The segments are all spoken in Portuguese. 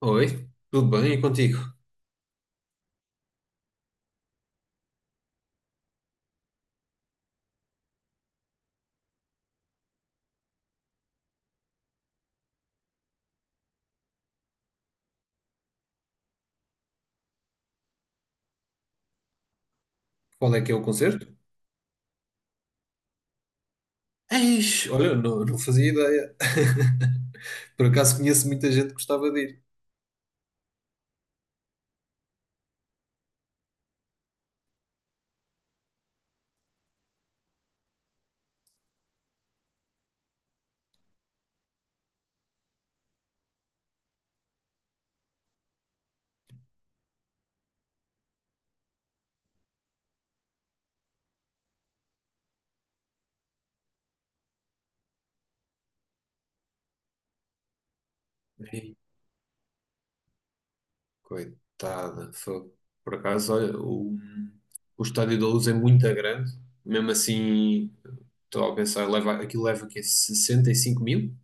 Oi, tudo bem? E contigo? Qual é que é o concerto? Eis, olha, não, não fazia ideia. Por acaso conheço muita gente que gostava de ir. Ei, coitada, fogo. Por acaso, olha, o Estádio da Luz é muito grande. Mesmo assim, estou a pensar, leva, aquilo leva o quê? 65 mil?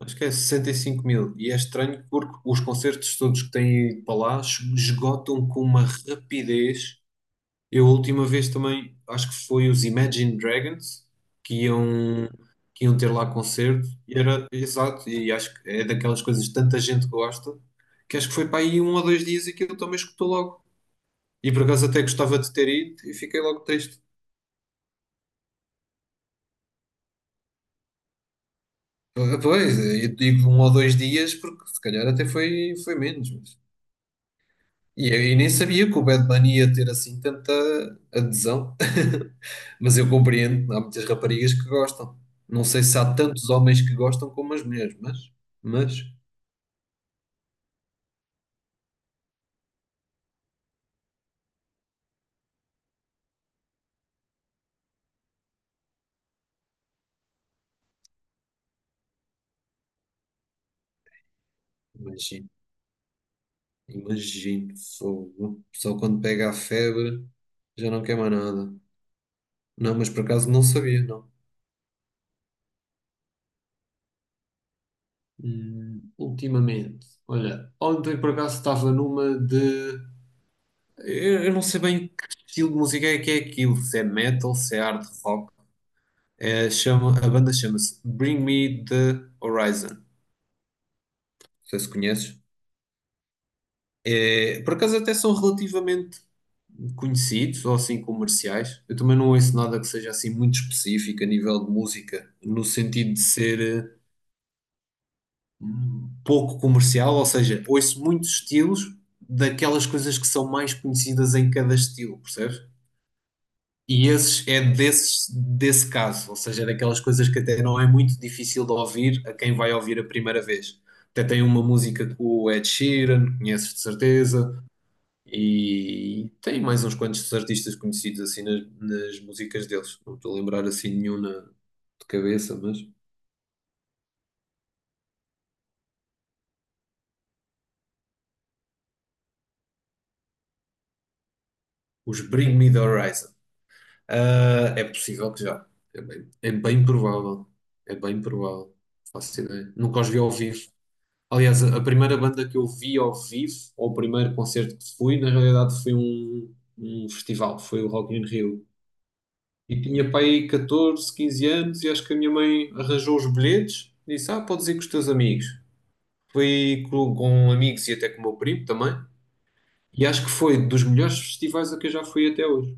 Acho que é 65 mil. E é estranho porque os concertos todos que têm ido para lá esgotam com uma rapidez. Eu a última vez também, acho que foi os Imagine Dragons que iam, que iam ter lá concerto e era exato, e acho que é daquelas coisas que tanta gente gosta, que acho que foi para aí um ou dois dias e que eu também escutou logo. E por acaso até gostava de ter ido e fiquei logo triste. Ah, pois, eu digo um ou dois dias porque se calhar até foi menos. E eu nem sabia que o Bad Bunny ia ter assim tanta adesão, mas eu compreendo, há muitas raparigas que gostam. Não sei se há tantos homens que gostam como as mulheres, mas, imagino, imagino, fogo. Só quando pega a febre já não quer mais nada. Não, mas por acaso não sabia, não. Ultimamente, olha, ontem por acaso estava numa de. Eu não sei bem que estilo de música é que é aquilo, se é metal, se é hard rock. A banda chama-se Bring Me the Horizon. Não sei se conheces. É, por acaso até são relativamente conhecidos ou assim comerciais. Eu também não ouço nada que seja assim muito específico a nível de música, no sentido de ser pouco comercial, ou seja, ouço muitos estilos daquelas coisas que são mais conhecidas em cada estilo, percebes? E esses é desses, desse caso, ou seja, é daquelas coisas que até não é muito difícil de ouvir a quem vai ouvir a primeira vez. Até tem uma música com o Ed Sheeran, conheces de certeza, e tem mais uns quantos artistas conhecidos assim nas músicas deles. Não estou a lembrar assim nenhum de cabeça, mas os Bring Me the Horizon. Ah, é possível que já. É bem provável. É bem provável. Faço ideia. Nunca os vi ao vivo. Aliás, a primeira banda que eu vi ao vivo, ou o primeiro concerto que fui, na realidade foi um festival, foi o Rock in Rio. E tinha pai 14, 15 anos e acho que a minha mãe arranjou os bilhetes e disse, ah, podes ir com os teus amigos. Fui com amigos e até com o meu primo também. E acho que foi dos melhores festivais a que eu já fui até hoje.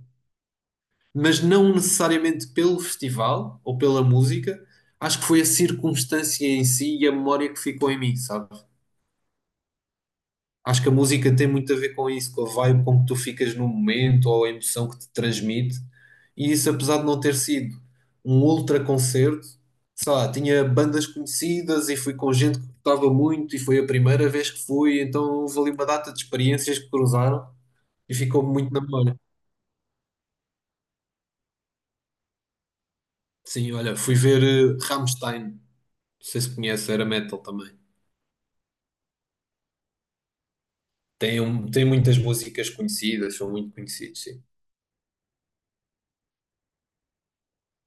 Mas não necessariamente pelo festival ou pela música, acho que foi a circunstância em si e a memória que ficou em mim, sabe? Acho que a música tem muito a ver com isso, com a vibe com que tu ficas no momento ou a emoção que te transmite. E isso, apesar de não ter sido um ultra concerto, sei lá, tinha bandas conhecidas e fui com gente que gostava muito e foi a primeira vez que fui, então houve ali uma data de experiências que cruzaram e ficou muito na memória. Sim, olha, fui ver Rammstein, não sei se conhece, era metal também. Tem muitas músicas conhecidas, são muito conhecidos, sim.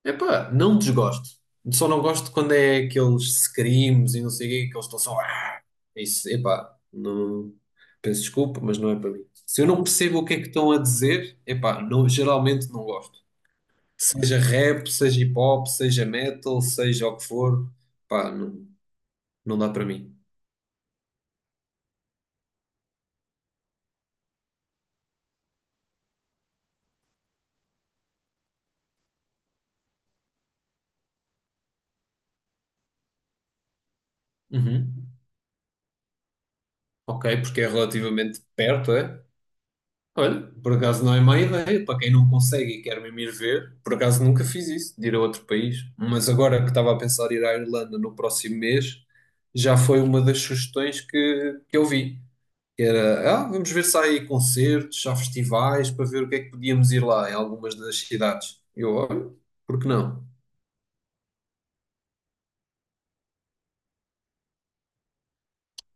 Epá, não desgosto. Só não gosto quando é aqueles screams e não sei o quê, que eles estão só. "Ah!" Isso, epá, não. Peço desculpa, mas não é para mim. Se eu não percebo o que é que estão a dizer, epá, não, geralmente não gosto. Seja rap, seja hip hop, seja metal, seja o que for, pá, não, não dá para mim. Uhum. Ok, porque é relativamente perto, é? Olha, por acaso não é má ideia, para quem não consegue e quer mesmo ir ver, por acaso nunca fiz isso, de ir a outro país, mas agora que estava a pensar ir à Irlanda no próximo mês, já foi uma das sugestões que eu vi, que era, ah, vamos ver se há aí concertos, se há festivais, para ver o que é que podíamos ir lá em algumas das cidades. Eu, olha, por que não?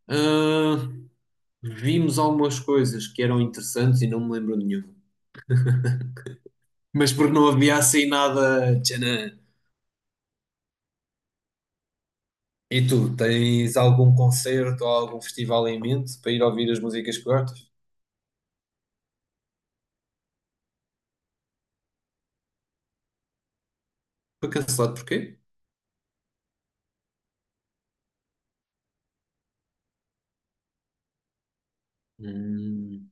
Ah, vimos algumas coisas que eram interessantes e não me lembro de nenhuma. Mas porque não havia assim nada, tchanã. E tu, tens algum concerto ou algum festival em mente para ir ouvir as músicas que gostas? Foi cancelado porquê? Hum,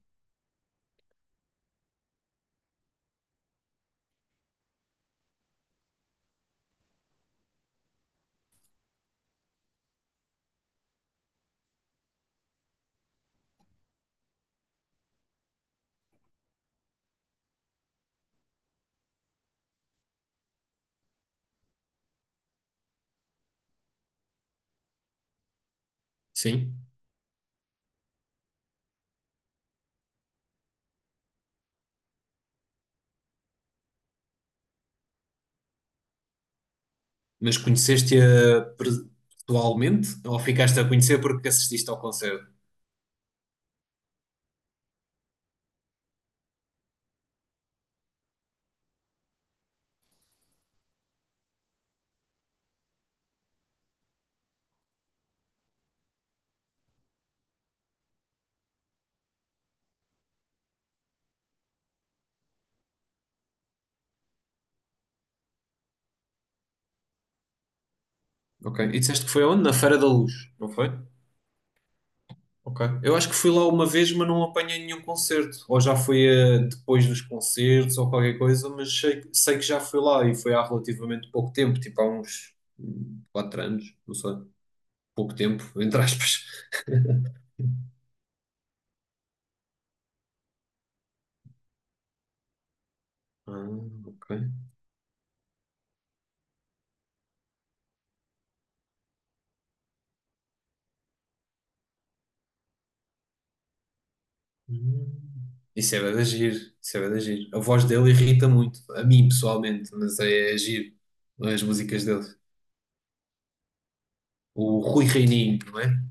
sim. Mas conheceste-a pessoalmente ou ficaste a conhecer porque assististe ao concerto? Ok. E disseste que foi onde? Na Feira da Luz, não foi? Ok. Eu acho que fui lá uma vez, mas não apanhei nenhum concerto. Ou já foi depois dos concertos ou qualquer coisa, mas sei, sei que já fui lá e foi há relativamente pouco tempo, tipo há uns 4 anos, não sei. Pouco tempo, entre aspas. Ah, ok. Hum. Isso é bué de agir, isso é bué de agir. A voz dele irrita muito, a mim pessoalmente, mas é agir as músicas dele. O Rui Reininho, não é?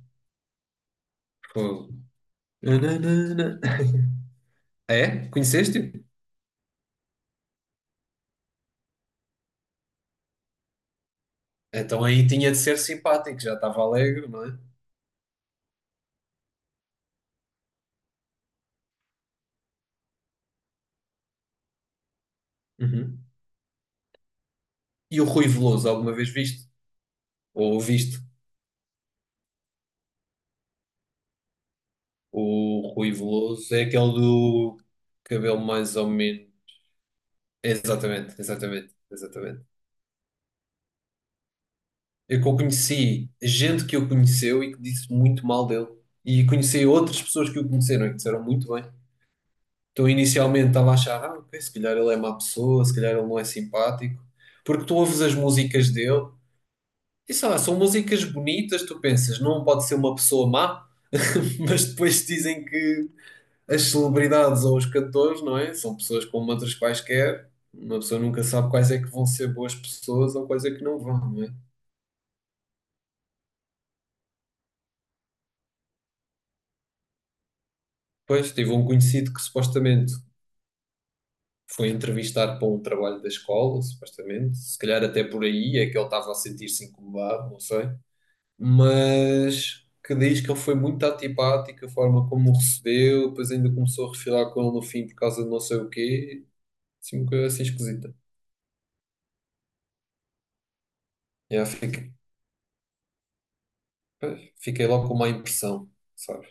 Fogo. Nananana. É? Conheceste-o? Então aí tinha de ser simpático, já estava alegre, não é? Uhum. E o Rui Veloso, alguma vez viste? Ou ouviste? O Rui Veloso é aquele do cabelo mais ou menos. Exatamente, exatamente, exatamente. Eu conheci gente que o conheceu e que disse muito mal dele. E conheci outras pessoas que o conheceram e que disseram muito bem. Então, inicialmente estava a achar, ah, ok, se calhar ele é má pessoa, se calhar ele não é simpático. Porque tu ouves as músicas dele e sei lá, são músicas bonitas, tu pensas, não pode ser uma pessoa má, mas depois dizem que as celebridades ou os cantores, não é? São pessoas como outras quaisquer. Uma pessoa nunca sabe quais é que vão ser boas pessoas ou quais é que não vão, não é? Pois, tive um conhecido que supostamente foi entrevistar para um trabalho da escola, supostamente. Se calhar até por aí é que ele estava a sentir-se incomodado, não sei. Mas que diz que ele foi muito antipático, a forma como o recebeu, depois ainda começou a refilar com ele no fim por causa de não sei o quê. Assim, uma coisa assim esquisita. Já fiquei, Fiquei logo com má impressão, sabe?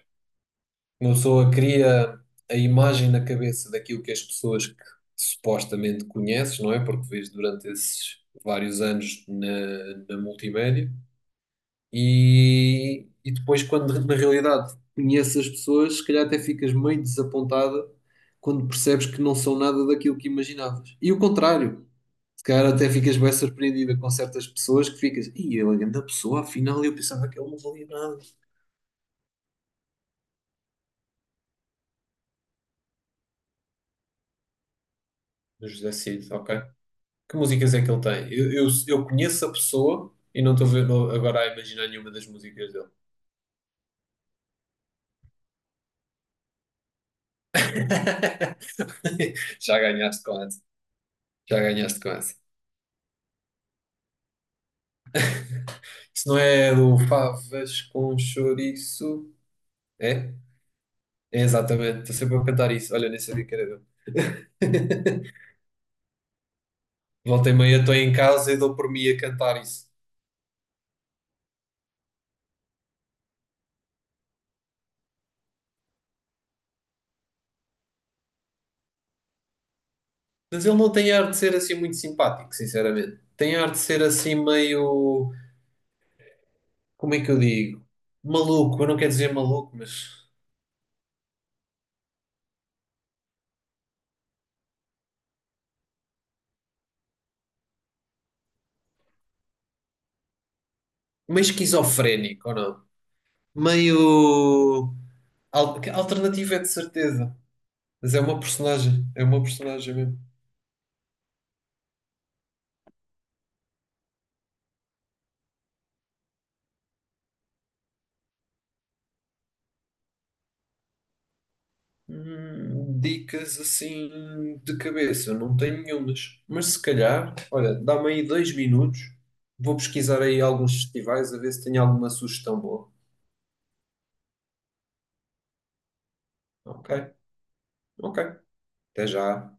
Uma pessoa cria a imagem na cabeça daquilo que as pessoas que supostamente conheces, não é? Porque vês durante esses vários anos na multimédia. E depois, quando na realidade conheces as pessoas, se calhar até ficas meio desapontada quando percebes que não são nada daquilo que imaginavas. E o contrário, se calhar até ficas bem surpreendida com certas pessoas que ficas, e ele é grande pessoa, afinal eu pensava que ele não valia nada. Do José Cid, ok. Que músicas é que ele tem? Eu conheço a pessoa e não estou agora a imaginar nenhuma das músicas dele. Já ganhaste com essa. Já ganhaste com essa. Se não é do Favas com chouriço. É? É exatamente, estou sempre a cantar isso. Olha, nem sabia que era dele. Volta e meia estou em casa e dou por mim a cantar isso. Mas ele não tem ar de ser assim muito simpático, sinceramente. Tem ar de ser assim meio. Como é que eu digo? Maluco, eu não quero dizer maluco, mas. Meio esquizofrénico, ou não? Meio. Alternativo é de certeza. Mas é uma personagem mesmo. Dicas assim de cabeça, não tenho nenhumas. Mas se calhar, olha, dá-me aí 2 minutos, vou pesquisar aí alguns festivais a ver se tenho alguma sugestão boa. Ok, ok, até já.